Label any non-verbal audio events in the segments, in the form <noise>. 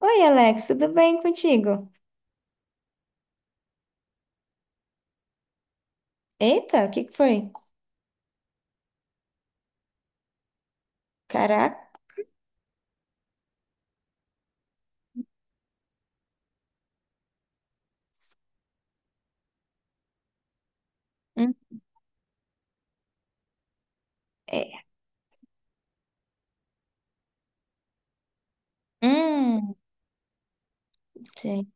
Oi, Alex, tudo bem contigo? Eita, o que que foi? Caraca. Hum, é. Hum, sei.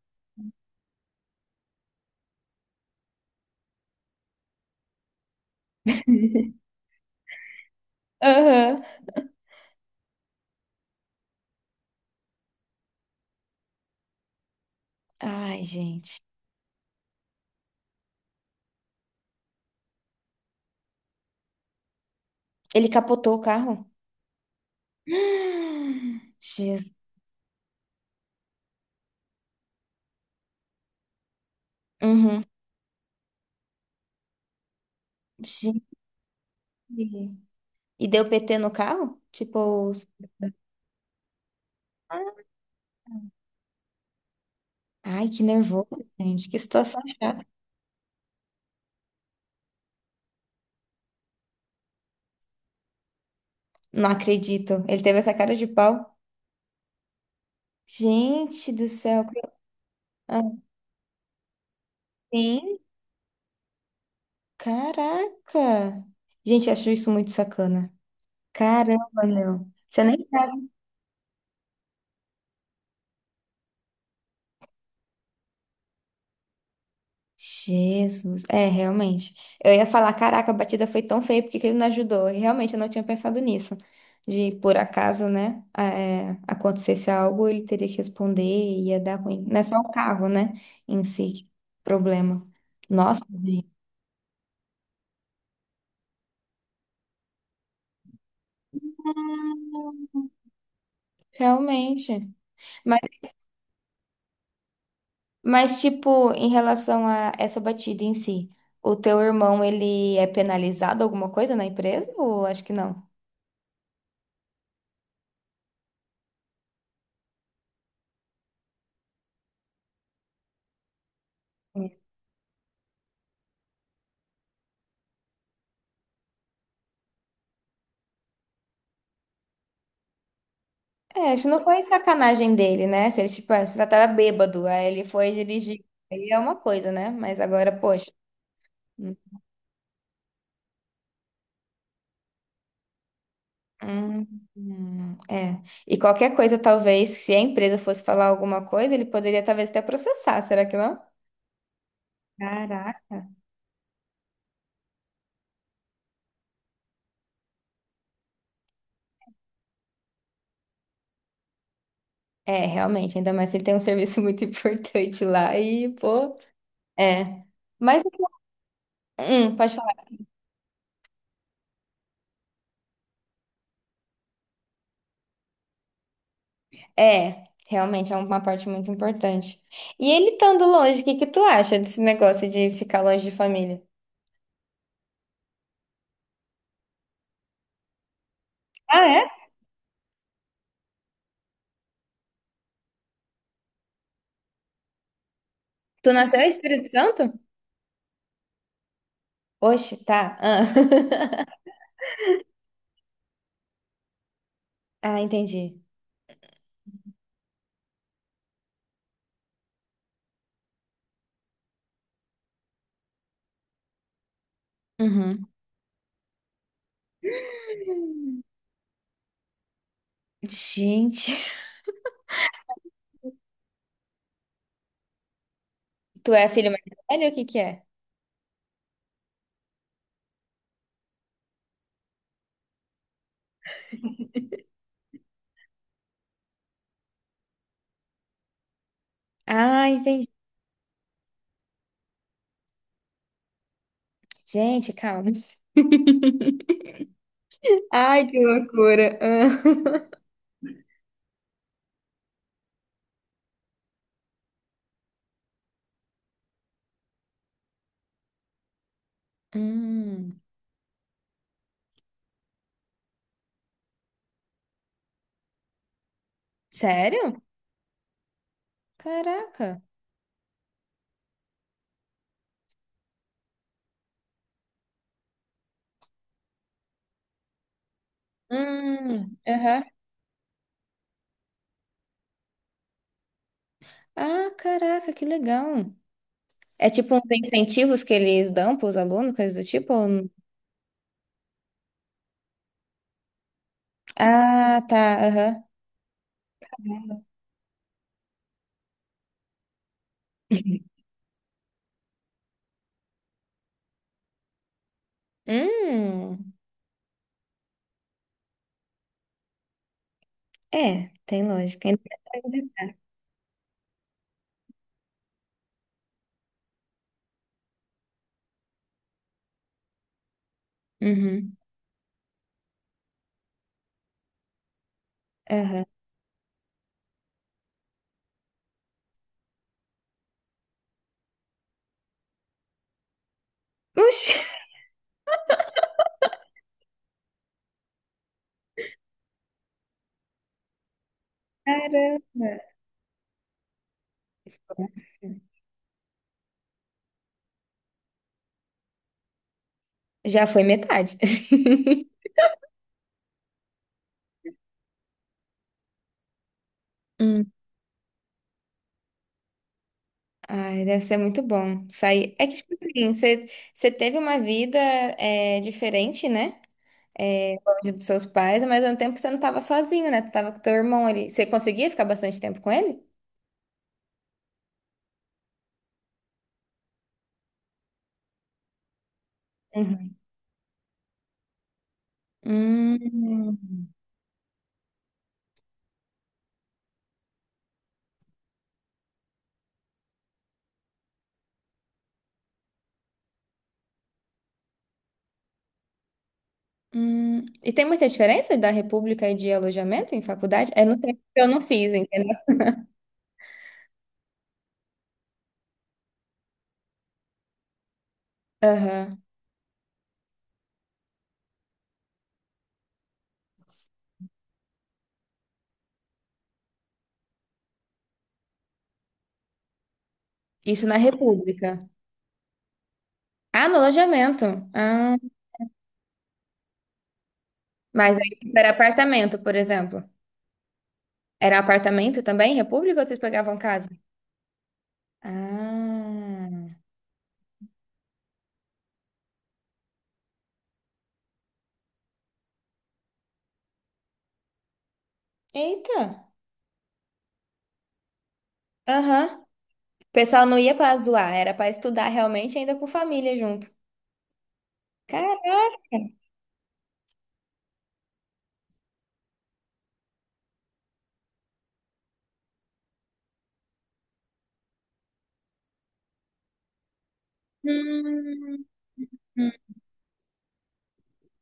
<laughs> Aham. Ai, gente. Ele capotou o carro? <gasps> Jesus. Uhum. Gente. E deu PT no carro? Tipo, os- ai, que nervoso, gente. Que situação. Não acredito. Ele teve essa cara de pau. Gente do céu. Ah, sim, caraca. Gente, eu acho isso muito sacana. Caramba, meu. Você nem sabe. Jesus. É, realmente. Eu ia falar, caraca, a batida foi tão feia, porque ele não ajudou? E realmente eu não tinha pensado nisso. De, por acaso, né, acontecesse algo, ele teria que responder e ia dar ruim. Não é só o carro, né, em si, que problema. Nossa, gente. Hum, Realmente. Mas, mas, tipo, em relação a essa batida em si, o teu irmão, ele é penalizado alguma coisa na empresa ou acho que não? É, acho que não foi sacanagem dele, né? Se ele, tipo, ah, se já tava bêbado, aí ele foi dirigir. Aí é uma coisa, né? Mas agora, poxa. Hum, é. E qualquer coisa, talvez, se a empresa fosse falar alguma coisa, ele poderia talvez até processar, será que não? Caraca. É, realmente, ainda mais se ele tem um serviço muito <laughs> importante lá e, pô, é. Mas, pode falar. É, realmente é uma parte muito importante. E ele estando longe, o que que tu acha desse negócio de ficar longe de família? Ah, tu nasceu em Espírito Santo? Oxe, tá. Ah, <laughs> ah, entendi. Uhum. Gente, tu é a filha mais velha? Ou o que que é? Ah, entendi. Gente, calma. <laughs> Ai, que loucura. <laughs> Ah. Hum, sério? Caraca. Aham. Ah, caraca, que legal. É tipo uns incentivos que eles dão para os alunos, coisas do tipo? Ou não? Ah, tá. Aham. Hum. É, tem lógica. Ainda mais transitar. Uhum. Aham. Oxi! Caramba! Já foi metade. <laughs> Hum. Ai, deve ser muito bom sair. É que, tipo assim, você, você teve uma vida diferente, né? É, longe dos seus pais, mas ao mesmo tempo você não estava sozinho, né? Tu tava com teu irmão ali. Você conseguia ficar bastante tempo com ele? Uhum. Hum, E tem muita diferença da república e de alojamento em faculdade? Eu não sei, porque eu não fiz, entendeu? Isso na República. Ah, no alojamento. Ah, mas aí tipo, era apartamento, por exemplo. Era apartamento também, República, ou vocês pegavam casa? Ah. Eita. Aham. O pessoal não ia pra zoar, era pra estudar realmente, ainda com família junto. Caraca. Hum.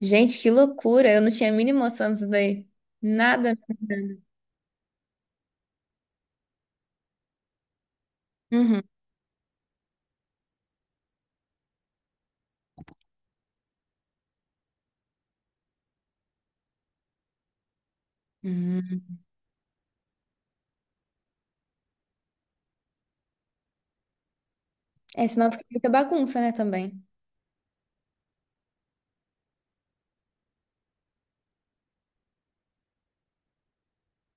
Gente, que loucura. Eu não tinha a mínima noção disso daí. Nada. Uhum. Hum. É, senão fica muita bagunça, né, também.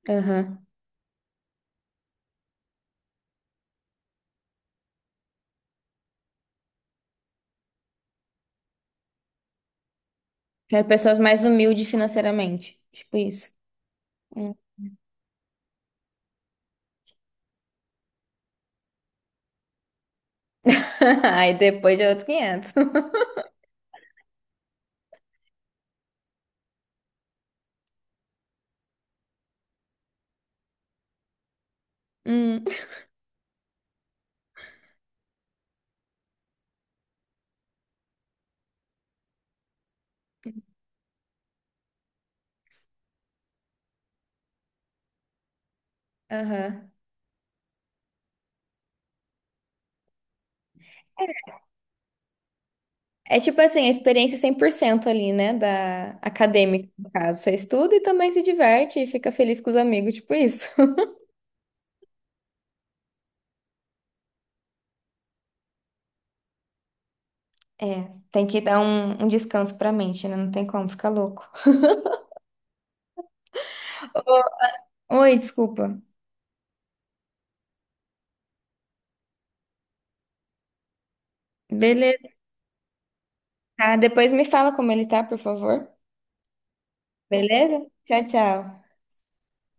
Aham. Quero pessoas mais humildes financeiramente. Tipo isso. Hum. <laughs> Aí depois de outros 500. Hum, aham. É tipo assim, a experiência 100% ali, né? Da acadêmica, no caso. Você estuda e também se diverte e fica feliz com os amigos, tipo isso. <laughs> É, tem que dar um, um descanso pra mente, né? Não tem como ficar louco. Ô, oi, desculpa. Beleza, tá? Depois me fala como ele tá, por favor. Beleza? Tchau, tchau.